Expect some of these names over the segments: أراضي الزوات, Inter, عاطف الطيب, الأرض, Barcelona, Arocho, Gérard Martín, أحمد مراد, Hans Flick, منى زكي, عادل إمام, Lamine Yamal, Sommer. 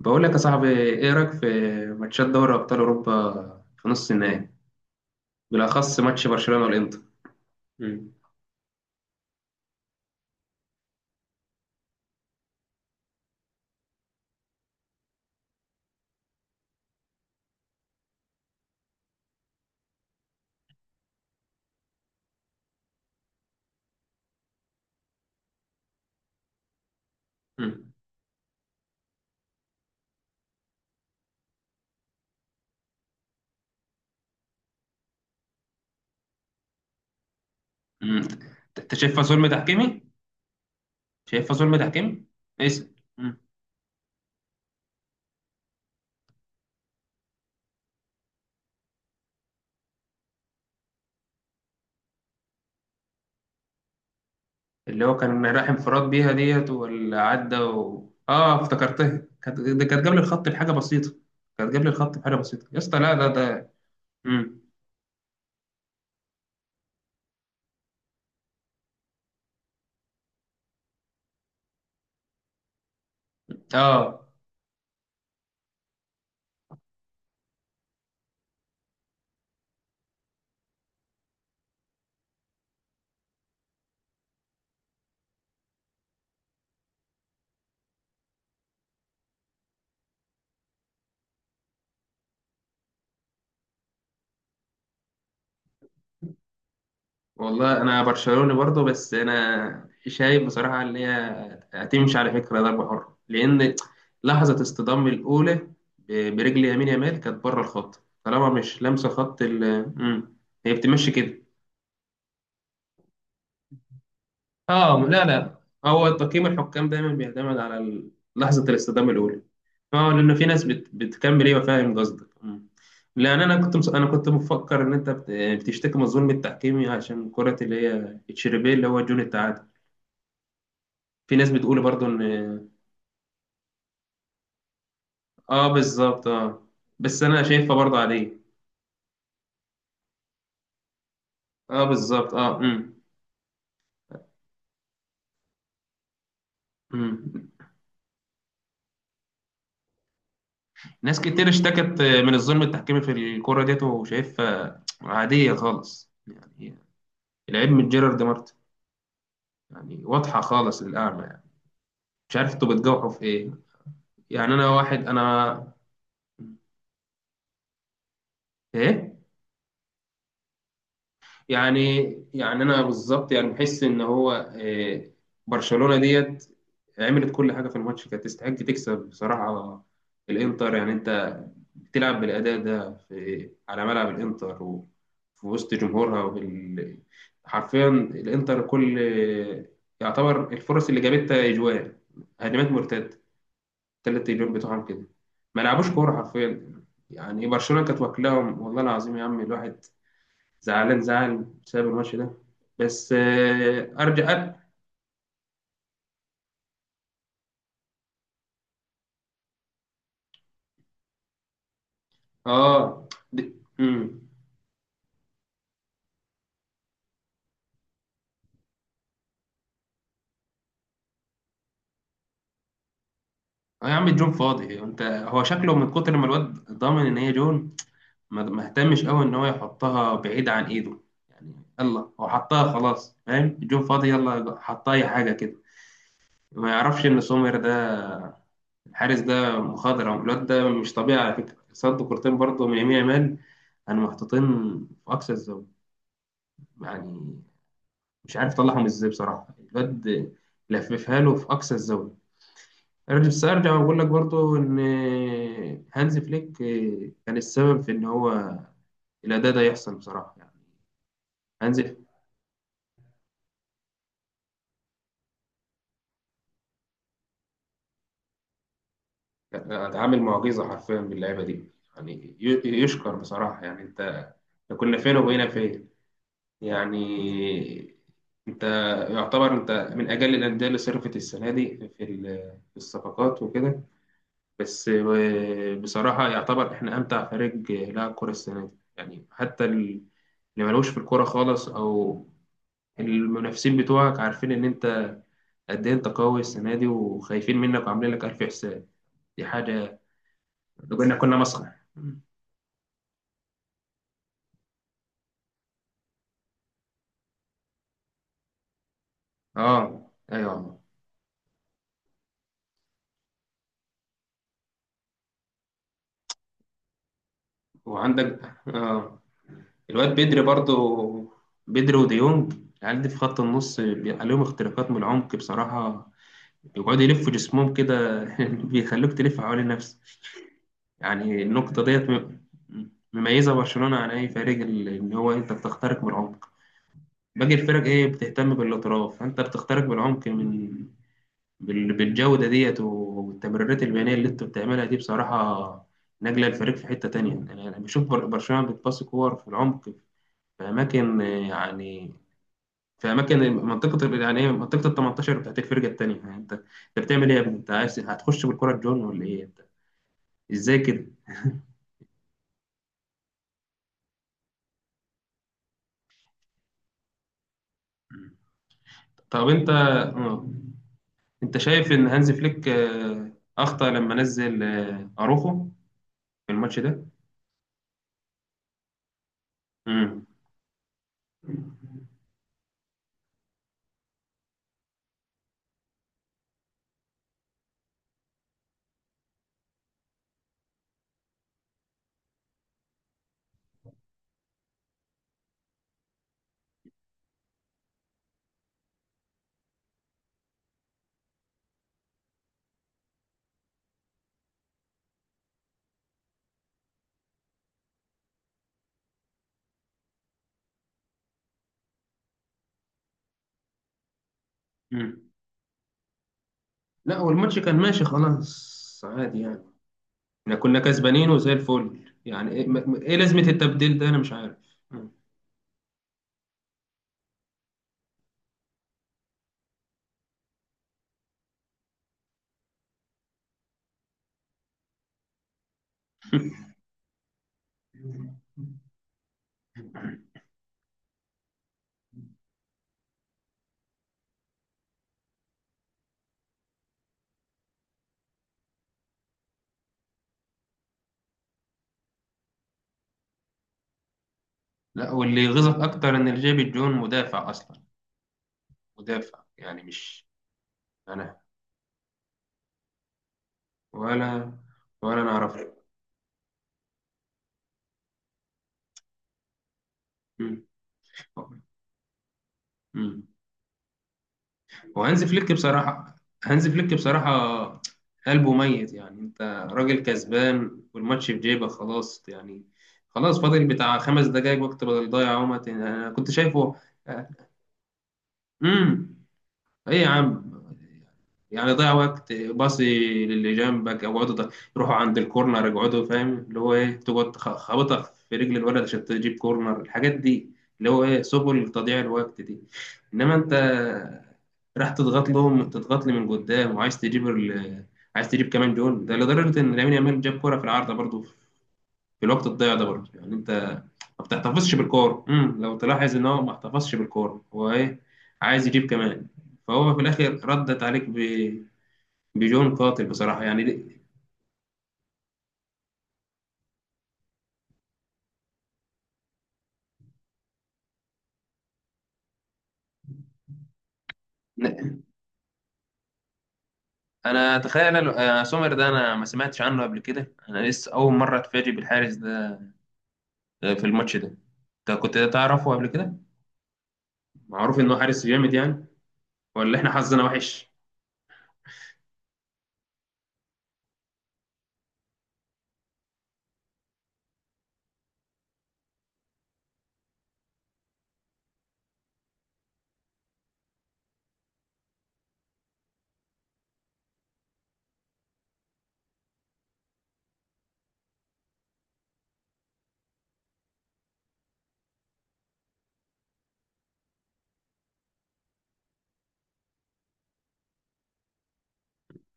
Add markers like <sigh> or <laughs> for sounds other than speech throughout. بقول لك يا صاحبي ايه رايك في ماتشات دوري ابطال اوروبا في نص النهائي، بالاخص ماتش برشلونه والانتر. مم. مم. مم. انت شايفها ظلم تحكيمي؟ شايفها ظلم تحكيمي اسم. مم. اللي هو كان راح انفراد بيها ديت واللي عدى و... اه افتكرتها كانت ده كانت جاب لي الخط بحاجه بسيطه. كانت جاب لي الخط بحاجه بسيطه يا اسطى، لا ده. مم. اه والله انا برشلوني برضه، بس انا شايف بصراحه ان هي هتمشي على فكره ضربه حره، لان لحظه اصطدام الاولى برجل يمين يامال كانت بره الخط، طالما مش لامسه خط ال. هي بتمشي كده. لا، هو تقييم الحكام دايما بيعتمد على لحظه الاصطدام الاولى. اه، لان في ناس بتكمل ايه، وفاهم قصدك. مم. لان انا كنت مفكر ان انت بتشتكي من ظلم التحكيم عشان كره اللي هي تشيربيه اللي هو جون التعادل. في ناس بتقول برضو ان اه، بالظبط اه. بس انا شايفها برضو عادية. اه بالظبط اه، امم ناس كتير اشتكت من الظلم التحكيمي في الكرة ديت، وشايفها عادية خالص يعني. العيب من جيرارد مارتن، يعني واضحة خالص للأعمى يعني. مش عارف انتوا بتجوحوا في ايه. يعني انا واحد انا ايه. يعني يعني انا بالظبط يعني بحس ان هو إيه. برشلونة ديت عملت كل حاجة في الماتش، كانت تستحق تكسب بصراحة. الانتر يعني انت بتلعب بالأداء ده في على ملعب الإنتر وفي وسط جمهورها حرفيا الإنتر كل يعتبر الفرص اللي جابتها أجوال، هجمات مرتدة، تلات أجوال بتوعهم كده، ما لعبوش كورة حرفيا. يعني برشلونة كانت واكلاهم، والله العظيم يا عم الواحد زعلان زعل بسبب الماتش ده. بس آه، أرجع أ- آه د... مم. اه يا عم الجون فاضي، انت هو شكله من كتر ما الواد ضامن ان هي جون ما اهتمش قوي ان هو يحطها بعيد عن ايده. يعني يلا هو حطها خلاص، فاهم الجون فاضي يلا حطها اي حاجه كده. ما يعرفش ان سومر ده الحارس ده مخضرم، الواد ده مش طبيعي على فكره، صد كورتين برضه من يمين يامال انا محطوطين في اقصى الزاويه. يعني مش عارف اطلعهم ازاي بصراحه، الواد لففها له في اقصى الزاويه. ارجع بس ارجع واقول لك برضه ان هانز فليك كان السبب في ان هو الاداء ده يحصل بصراحه يعني. هانز اتعامل معجزه حرفيا باللعيبه دي، يعني يشكر بصراحه يعني. انت، إحنا كنا فين وبقينا فين؟ يعني انت يعتبر انت من اجل الانديه اللي صرفت السنه دي في في الصفقات وكده. بس بصراحه يعتبر احنا امتع فريق لعب كره السنه دي يعني. حتى اللي ملوش في الكوره خالص او المنافسين بتوعك عارفين ان انت قد ايه انت قوي السنه دي، وخايفين منك وعاملين لك الف حساب. دي حاجه، لو كنا مسخره. اه ايوه. وعندك اه الواد بدري برضو، بدري وديونج. العيال دي في خط النص بيبقى عليهم اختراقات من العمق بصراحة، بيقعدوا يلفوا جسمهم كده <laughs> بيخلوك تلف حوالين نفسك. يعني النقطة ديت مميزة برشلونة عن أي فريق إن هو أنت بتخترق من العمق. باقي الفرق إيه بتهتم بالاطراف، فأنت بتخترق بالعمق من بالجودة ديت والتمريرات البيانية اللي انتوا بتعملها دي بصراحة. نقلة الفريق في حتة تانية. أنا بشوف برشلونة بتباصي كور في العمق في أماكن يعني في أماكن منطقة يعني إيه منطقة ال 18 بتاعت الفرقة التانية. يعني أنت بتعمل إيه يا ابني؟ أنت عايز هتخش بالكرة الجون ولا إيه أنت؟ إزاي كده؟ طب أنت أنت شايف إن هانز فليك أخطأ لما نزل أروخو في الماتش ده؟ مم. مم. لا هو الماتش كان ماشي خلاص عادي يعني، احنا كنا كسبانين وزي الفل. يعني ايه إيه لازمة التبديل ده، انا مش عارف. مم. لا واللي يغيظك اكتر ان الجيبي جون مدافع اصلا، مدافع يعني مش انا. ولا، ولا انا اعرف. مم. مم. وهانز فليك بصراحه، هانز فليك بصراحه قلبه ميت. يعني انت راجل كسبان والماتش في جيبك خلاص يعني، خلاص فاضل بتاع خمس دقايق وقت بدل ضايع، اهو ما تن- انا كنت شايفه. امم ايه يا عم، يعني ضيع وقت، باصي للي جنبك او اقعدوا يروحوا عند الكورنر يقعدوا، فاهم اللي هو ايه تقعد خابطها في رجل الولد عشان تجيب كورنر، الحاجات دي اللي هو ايه سبل تضييع الوقت دي. انما انت راح تضغط لهم، تضغط لي من قدام، وعايز تجيب عايز تجيب كمان جول، ده لدرجه ان لامين يامال جاب كوره في العارضه برضو في الوقت الضايع ده برضه. يعني انت ما بتحتفظش بالكور، لو تلاحظ ان هو ما احتفظش بالكور، هو ايه عايز يجيب كمان. فهو في الاخر ردت عليك بجون قاتل بصراحه يعني دي... ن- انا تخيل سومر ده انا ما سمعتش عنه قبل كده، انا لسه اول مره اتفاجئ بالحارس ده في الماتش ده. انت كنت تعرفه قبل كده؟ معروف انه حارس جامد يعني؟ ولا احنا حظنا وحش؟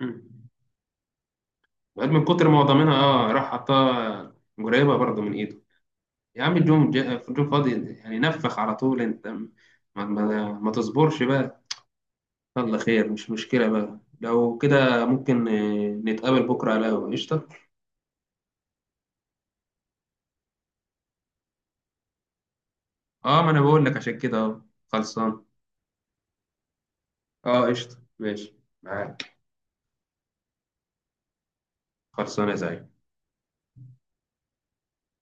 امم من كتر ما هو ضامنها اه راح حطها قريبه برضه من ايده. يا عم الجون الجون فاضي يعني نفخ على طول. انت ما تصبرش بقى. يلا خير مش مشكلة بقى، لو كده ممكن نتقابل بكرة على القهوة؟ قشطة. اه ما انا بقول لك عشان كده اه، خلصان. اه قشطة، ماشي معاك. خلصان يا زعيم.